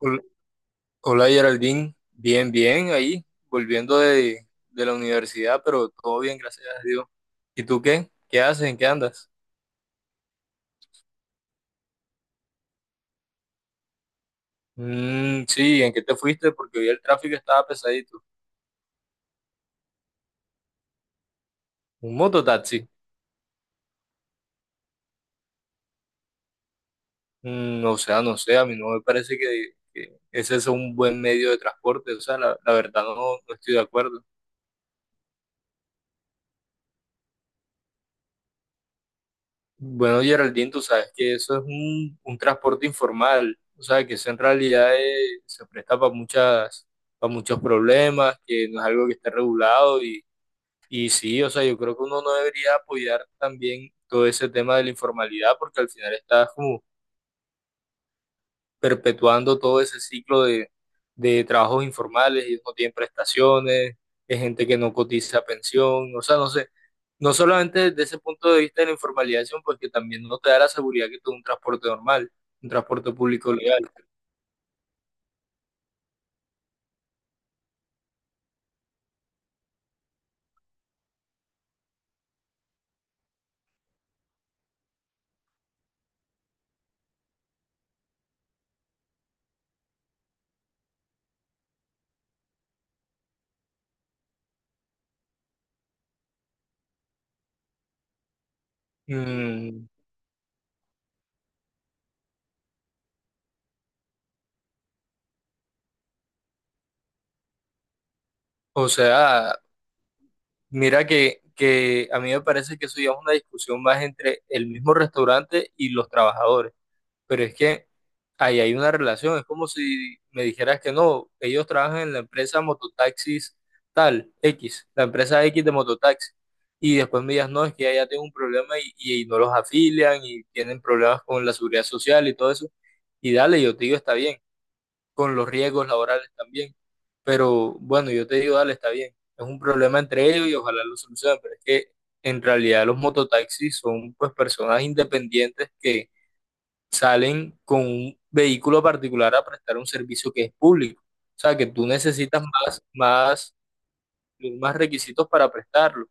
Hol- Hola Geraldine, bien, bien, ahí, volviendo de la universidad, pero todo bien, gracias a Dios. ¿Y tú qué? ¿Qué haces? ¿En qué andas? Mm, sí, ¿en qué te fuiste? Porque hoy el tráfico estaba pesadito. ¿Un mototaxi? Mm, o sea, no sé, a mí no me parece que ese es un buen medio de transporte, o sea, la verdad no estoy de acuerdo. Bueno, Geraldine, tú sabes que eso es un transporte informal, o sea, que eso en realidad se presta para para muchos problemas, que no es algo que esté regulado y sí, o sea, yo creo que uno no debería apoyar también todo ese tema de la informalidad porque al final estás como perpetuando todo ese ciclo de trabajos informales, ellos no tienen prestaciones, es gente que no cotiza pensión, o sea, no sé. No solamente desde ese punto de vista de la informalización, porque también no te da la seguridad que tú un transporte normal, un transporte público legal. Mm, o sea, mira que a mí me parece que eso ya es una discusión más entre el mismo restaurante y los trabajadores. Pero es que ahí hay una relación, es como si me dijeras que no, ellos trabajan en la empresa mototaxis tal, X, la empresa X de mototaxi, y después me digas, no, es que ya tengo un problema y no los afilian y tienen problemas con la seguridad social y todo eso, y dale, yo te digo, está bien, con los riesgos laborales también, pero bueno, yo te digo, dale, está bien, es un problema entre ellos y ojalá lo solucionen, pero es que en realidad los mototaxis son pues personas independientes que salen con un vehículo particular a prestar un servicio que es público. O sea, que tú necesitas más requisitos para prestarlo.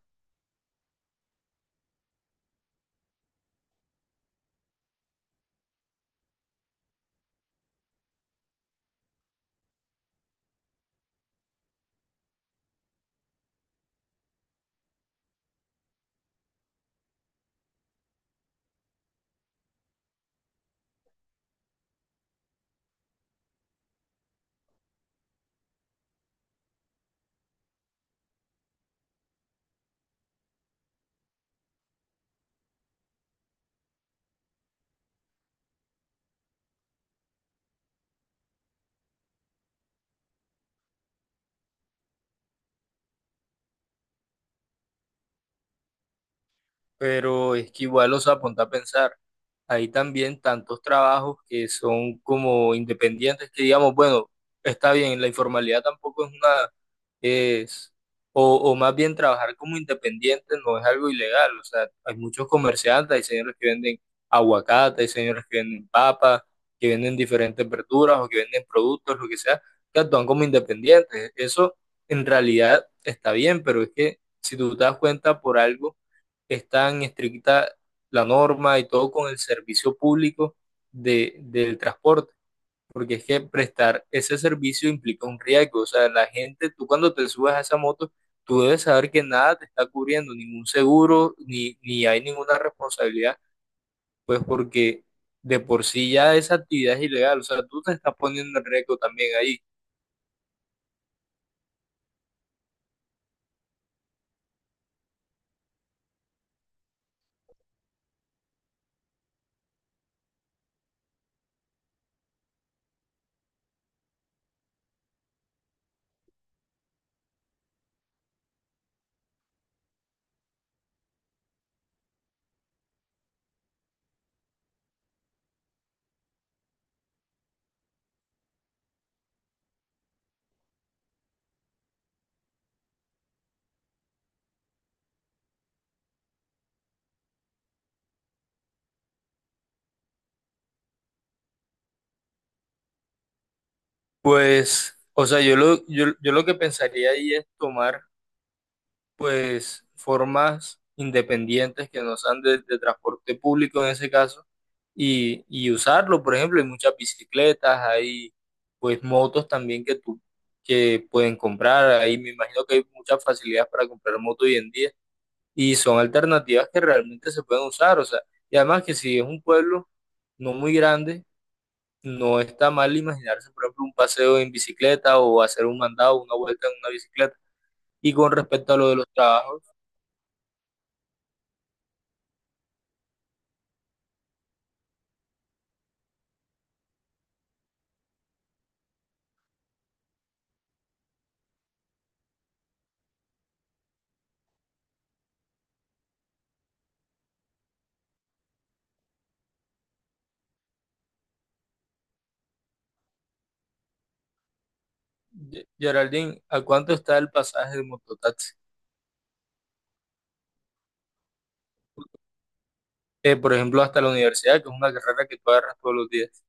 Pero es que igual, o sea, ponte a pensar. Hay también tantos trabajos que son como independientes que digamos, bueno, está bien, la informalidad tampoco es una, es, o más bien trabajar como independiente no es algo ilegal. O sea, hay muchos comerciantes, hay señores que venden aguacate, hay señores que venden papas, que venden diferentes verduras o que venden productos, lo que sea, que actúan como independientes. Eso en realidad está bien, pero es que si tú te das cuenta por algo están estricta la norma y todo con el servicio público del transporte, porque es que prestar ese servicio implica un riesgo. O sea, la gente, tú cuando te subes a esa moto, tú debes saber que nada te está cubriendo, ningún seguro, ni hay ninguna responsabilidad, pues porque de por sí ya esa actividad es ilegal. O sea, tú te estás poniendo en riesgo también ahí. Pues, o sea, yo lo que pensaría ahí es tomar pues formas independientes que no sean de transporte público en ese caso y usarlo. Por ejemplo, hay muchas bicicletas, hay pues motos también que tú que pueden comprar. Ahí me imagino que hay muchas facilidades para comprar moto hoy en día y son alternativas que realmente se pueden usar. O sea, y además que si es un pueblo no muy grande, no está mal imaginarse, por ejemplo, un paseo en bicicleta o hacer un mandado, una vuelta en una bicicleta. Y con respecto a lo de los trabajos. Geraldine, ¿a cuánto está el pasaje de mototaxi? Por ejemplo, hasta la universidad, que es una carrera que tú agarras todos los días.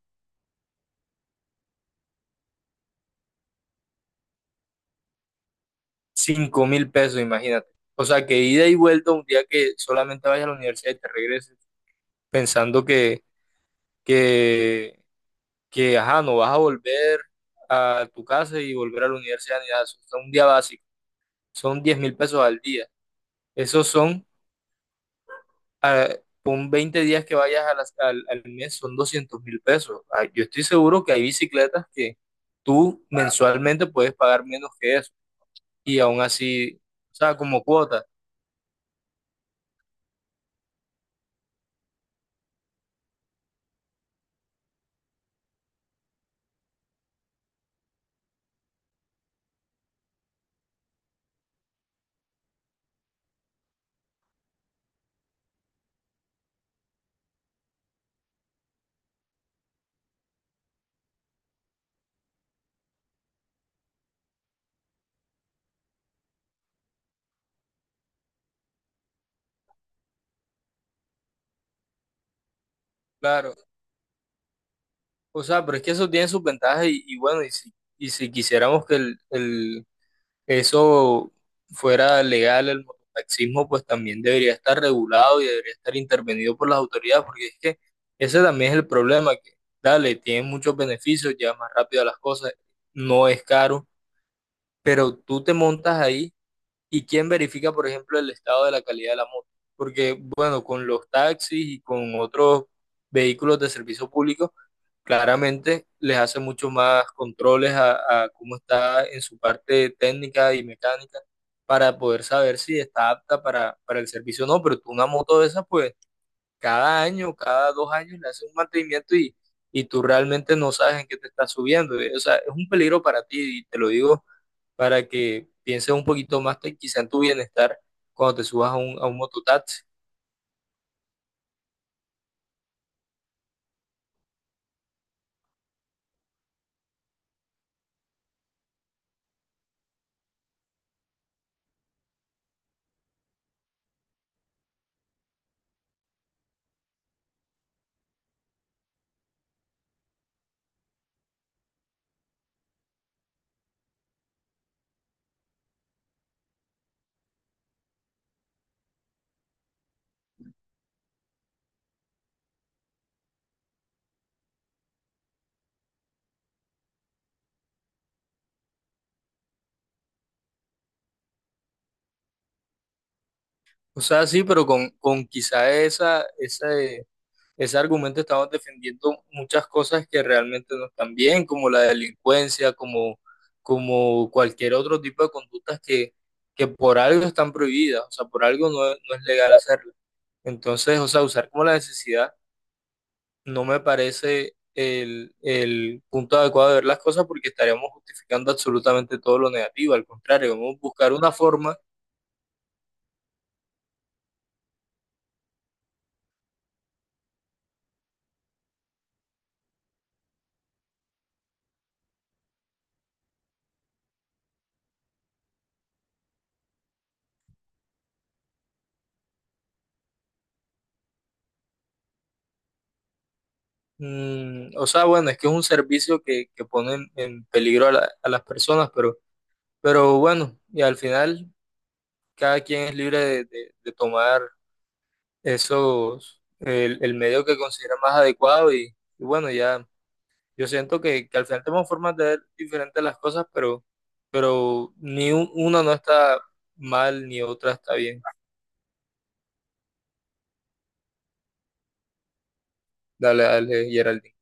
5.000 pesos, imagínate. O sea, que ida y vuelta un día que solamente vayas a la universidad y te regreses, pensando que, ajá, no vas a volver a tu casa y volver a la universidad ni nada. Eso es un día básico. Son 10.000 pesos al día. Esos son ah, con 20 días que vayas a al mes son 200.000 pesos. Ah, yo estoy seguro que hay bicicletas que tú mensualmente puedes pagar menos que eso y aún así, o sea, como cuota, claro. O sea, pero es que eso tiene sus ventajas y bueno, y si quisiéramos que el eso fuera legal, el mototaxismo pues también debería estar regulado y debería estar intervenido por las autoridades, porque es que ese también es el problema, que dale, tiene muchos beneficios, lleva más rápido a las cosas, no es caro, pero tú te montas ahí y quién verifica, por ejemplo, el estado de la calidad de la moto, porque bueno, con los taxis y con otros vehículos de servicio público, claramente les hace mucho más controles a cómo está en su parte técnica y mecánica para poder saber si está apta para el servicio o no, pero tú una moto de esas, pues cada año, cada 2 años le haces un mantenimiento y tú realmente no sabes en qué te estás subiendo. O sea, es un peligro para ti y te lo digo para que pienses un poquito más quizá en tu bienestar cuando te subas a a un mototaxi. O sea, sí, pero con quizá ese argumento estamos defendiendo muchas cosas que realmente no están bien, como la delincuencia, como cualquier otro tipo de conductas que por algo están prohibidas, o sea, por algo no es legal hacerlo. Entonces, o sea, usar como la necesidad no me parece el punto adecuado de ver las cosas porque estaríamos justificando absolutamente todo lo negativo, al contrario, vamos a buscar una forma. Mm, o sea, bueno, es que es un servicio que pone en peligro a a las personas. Pero bueno, y al final cada quien es libre de tomar el medio que considera más adecuado y bueno, ya yo siento que al final tenemos formas de ver diferentes las cosas, pero ni una no está mal ni otra está bien. Dale, dale, Geraldine.